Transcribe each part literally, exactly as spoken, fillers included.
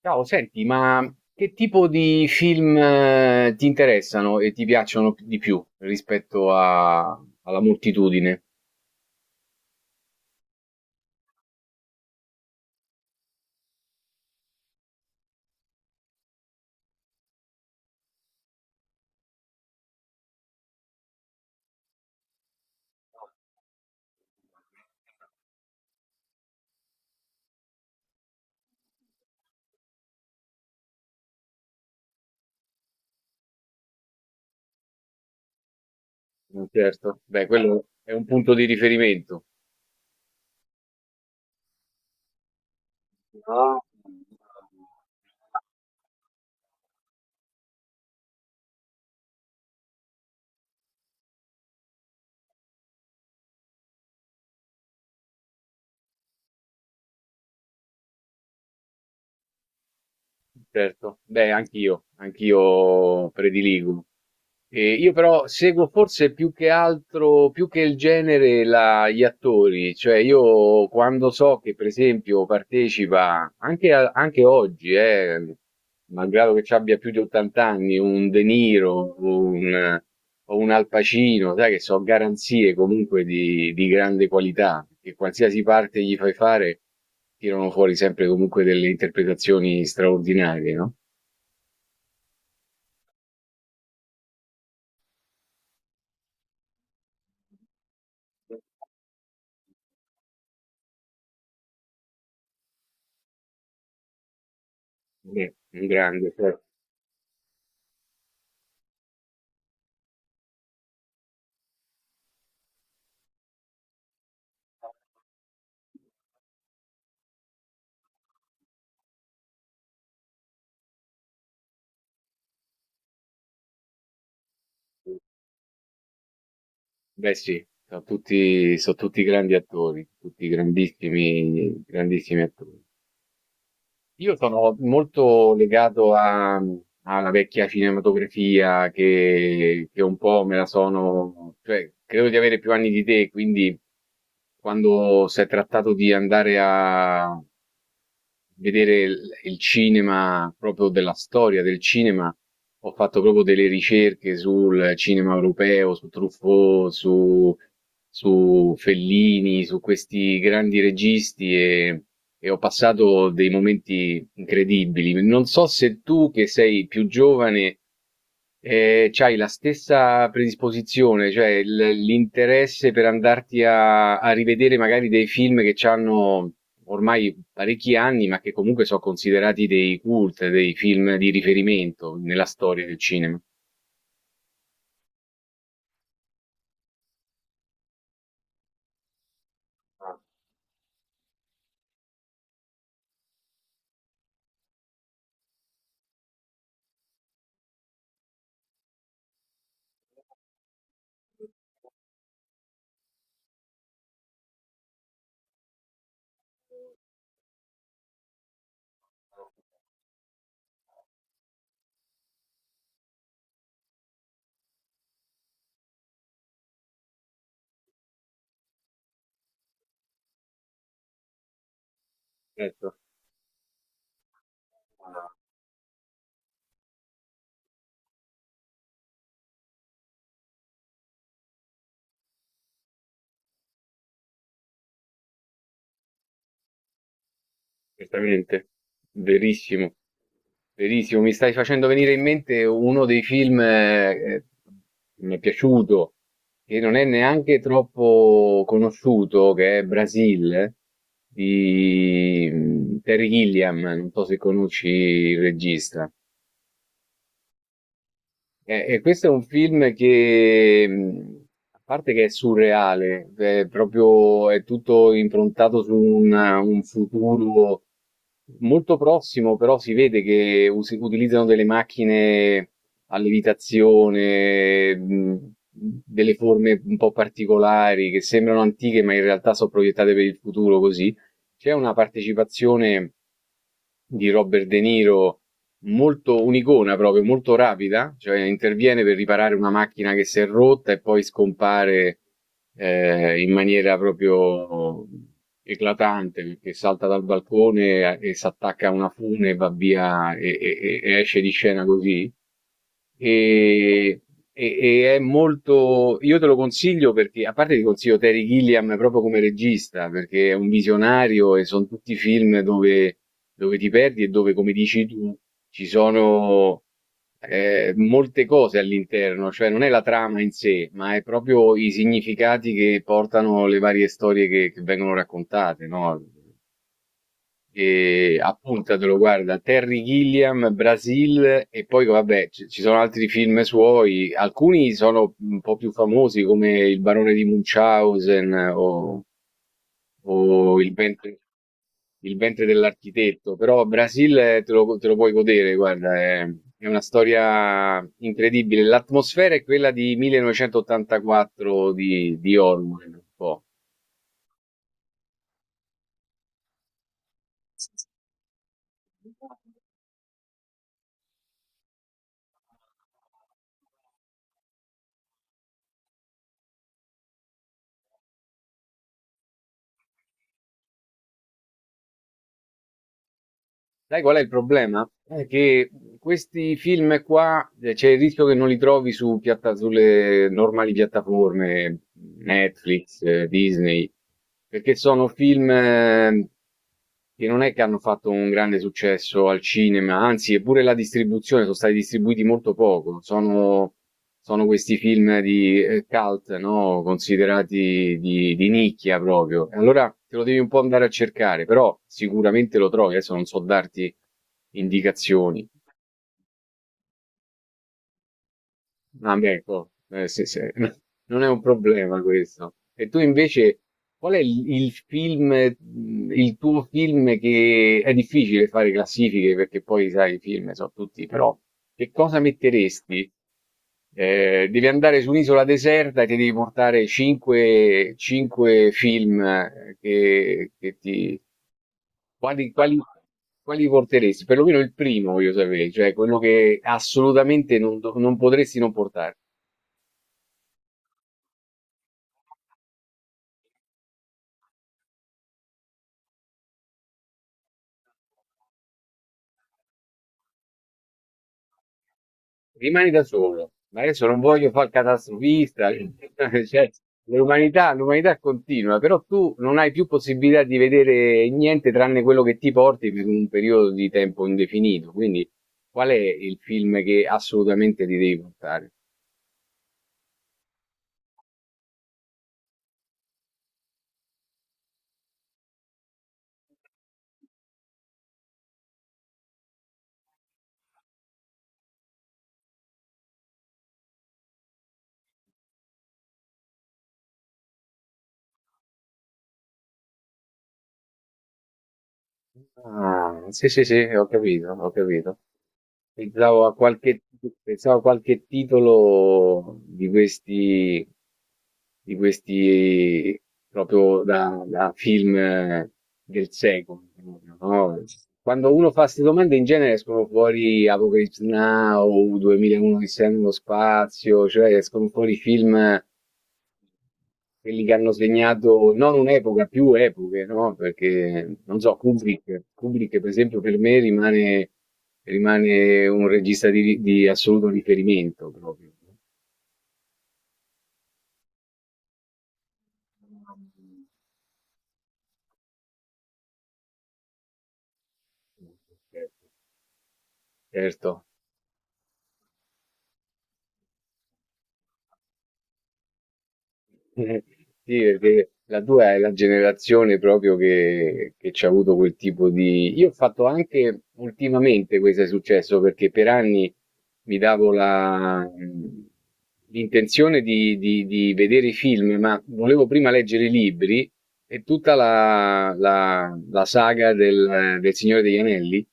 Ciao, senti, ma che tipo di film eh, ti interessano e ti piacciono di più rispetto a- alla moltitudine? Certo. Beh, quello è un punto di riferimento. No. Certo, beh, anch'io, anch'io prediligo. E io però seguo forse più che altro, più che il genere, la- gli attori, cioè io quando so che per esempio partecipa, anche, a- anche oggi, eh, malgrado che ci abbia più di ottanta anni, un De Niro o un, o un Al Pacino, sai che sono garanzie comunque di, di grande qualità, che qualsiasi parte gli fai fare. Tirano fuori sempre comunque delle interpretazioni straordinarie, no? Beh, un grande, certo. Beh, sì, sono tutti, sono tutti grandi attori, tutti grandissimi, grandissimi attori. Io sono molto legato a- alla vecchia cinematografia che, che un po' me la sono, cioè credo di avere più anni di te, quindi quando si è trattato di andare a vedere il, il cinema proprio della storia del cinema, ho fatto proprio delle ricerche sul cinema europeo, su Truffaut, su, su Fellini, su questi grandi registi e, e ho passato dei momenti incredibili. Non so se tu, che sei più giovane, eh, hai la stessa predisposizione, cioè il- l'interesse per andarti a, a rivedere magari dei film che hanno ormai parecchi anni, ma che comunque sono considerati dei cult, dei film di riferimento nella storia del cinema. Ah. Certo, ah, certamente, verissimo. Verissimo, mi stai facendo venire in mente uno dei film eh, che mi è piaciuto, che non è neanche troppo conosciuto, che è Brasil, eh, di mm, Terry Gilliam, non so se conosci il regista. Eh, e questo è un film che, mh, a parte che è surreale, è proprio, è tutto improntato su un, un futuro molto prossimo, però si vede che us- utilizzano delle macchine a levitazione, mh, delle forme un po' particolari che sembrano antiche, ma in realtà sono proiettate per il futuro così. C'è una partecipazione di Robert De Niro. Molto un'icona proprio, molto rapida, cioè interviene per riparare una macchina che si è rotta e poi scompare eh, in maniera proprio eclatante, perché salta dal balcone e si attacca a una fune, va via e, e- e esce di scena così e, e- e è molto. Io te lo consiglio perché, a parte ti consiglio Terry Gilliam proprio come regista, perché è un visionario e sono tutti film dove, dove ti perdi e dove, come dici tu, ci sono eh, molte cose all'interno, cioè non è la trama in sé, ma è proprio i significati che portano le varie storie che, che vengono raccontate, no? E appuntatelo, guarda, Terry Gilliam, Brasil e poi vabbè, ci ci sono altri film suoi, alcuni sono un po' più famosi come Il barone di Munchausen o, o il ventre, il ventre dell'architetto, però Brasil eh, te lo, te lo puoi godere, guarda, è, è una storia incredibile. L'atmosfera è quella di millenovecentottantaquattro di, di Orwell, un po'. Sai qual è il problema? È che questi film qua eh, c'è il rischio che non li trovi su piatta- sulle normali piattaforme, Netflix, eh, Disney, perché sono film eh, che non è che hanno fatto un grande successo al cinema, anzi, eppure la distribuzione sono stati distribuiti molto poco. Sono sono questi film di eh, cult, no? Considerati di, di nicchia proprio. E allora te lo devi un po' andare a cercare, però sicuramente lo trovi. Adesso non so darti indicazioni. Ah, beh, ecco, eh, sì, sì. Non è un problema questo. E tu invece, qual è il, il film, mh, il tuo film che è difficile fare classifiche perché poi sai, i film sono tutti, però che cosa metteresti? Eh, devi andare su un'isola deserta e ti devi portare cinque, film eh, che, che ti... Quali, quali, quali porteresti? Perlomeno il primo voglio sapere, cioè quello che assolutamente non, do- non potresti non portare. Rimani da solo, ma adesso non voglio fare il catastrofista, cioè, l'umanità, l'umanità continua, però tu non hai più possibilità di vedere niente tranne quello che ti porti per un periodo di tempo indefinito, quindi qual è il film che assolutamente ti devi portare? Ah, sì, sì, sì, ho capito, ho capito. Pensavo a qualche, pensavo a qualche titolo di questi, di questi proprio da, da film eh, del secolo. Proprio, no? Quando uno fa queste domande in genere escono fuori Apocalypse Now, duemilauno Odissea nello spazio, cioè escono fuori film quelli che hanno segnato non un'epoca, più epoche, no? Perché non so, Kubrick, Kubrick, per esempio, per me rimane, rimane un regista di, di assoluto riferimento proprio. Certo. Eh, sì, perché la tua è la generazione proprio che, che c'ha avuto quel tipo di... Io ho fatto anche ultimamente questo è successo perché per anni mi davo la- l'intenzione di, di- di vedere i film, ma volevo prima leggere i libri e tutta la, la- la saga del, del Signore degli Anelli.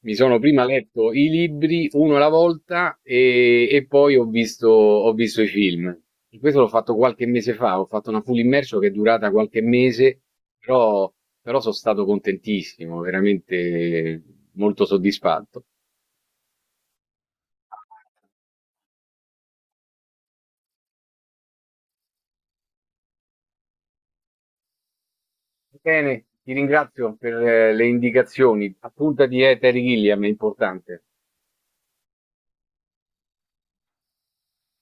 Mi sono prima letto i libri uno alla volta e, e poi ho visto, ho visto i film. E questo l'ho fatto qualche mese fa, ho fatto una full immersion che è durata qualche mese, però, però sono stato contentissimo, veramente molto soddisfatto. Bene, ti ringrazio per eh, le indicazioni. Appuntati, eh, Terry Gilliam, è importante.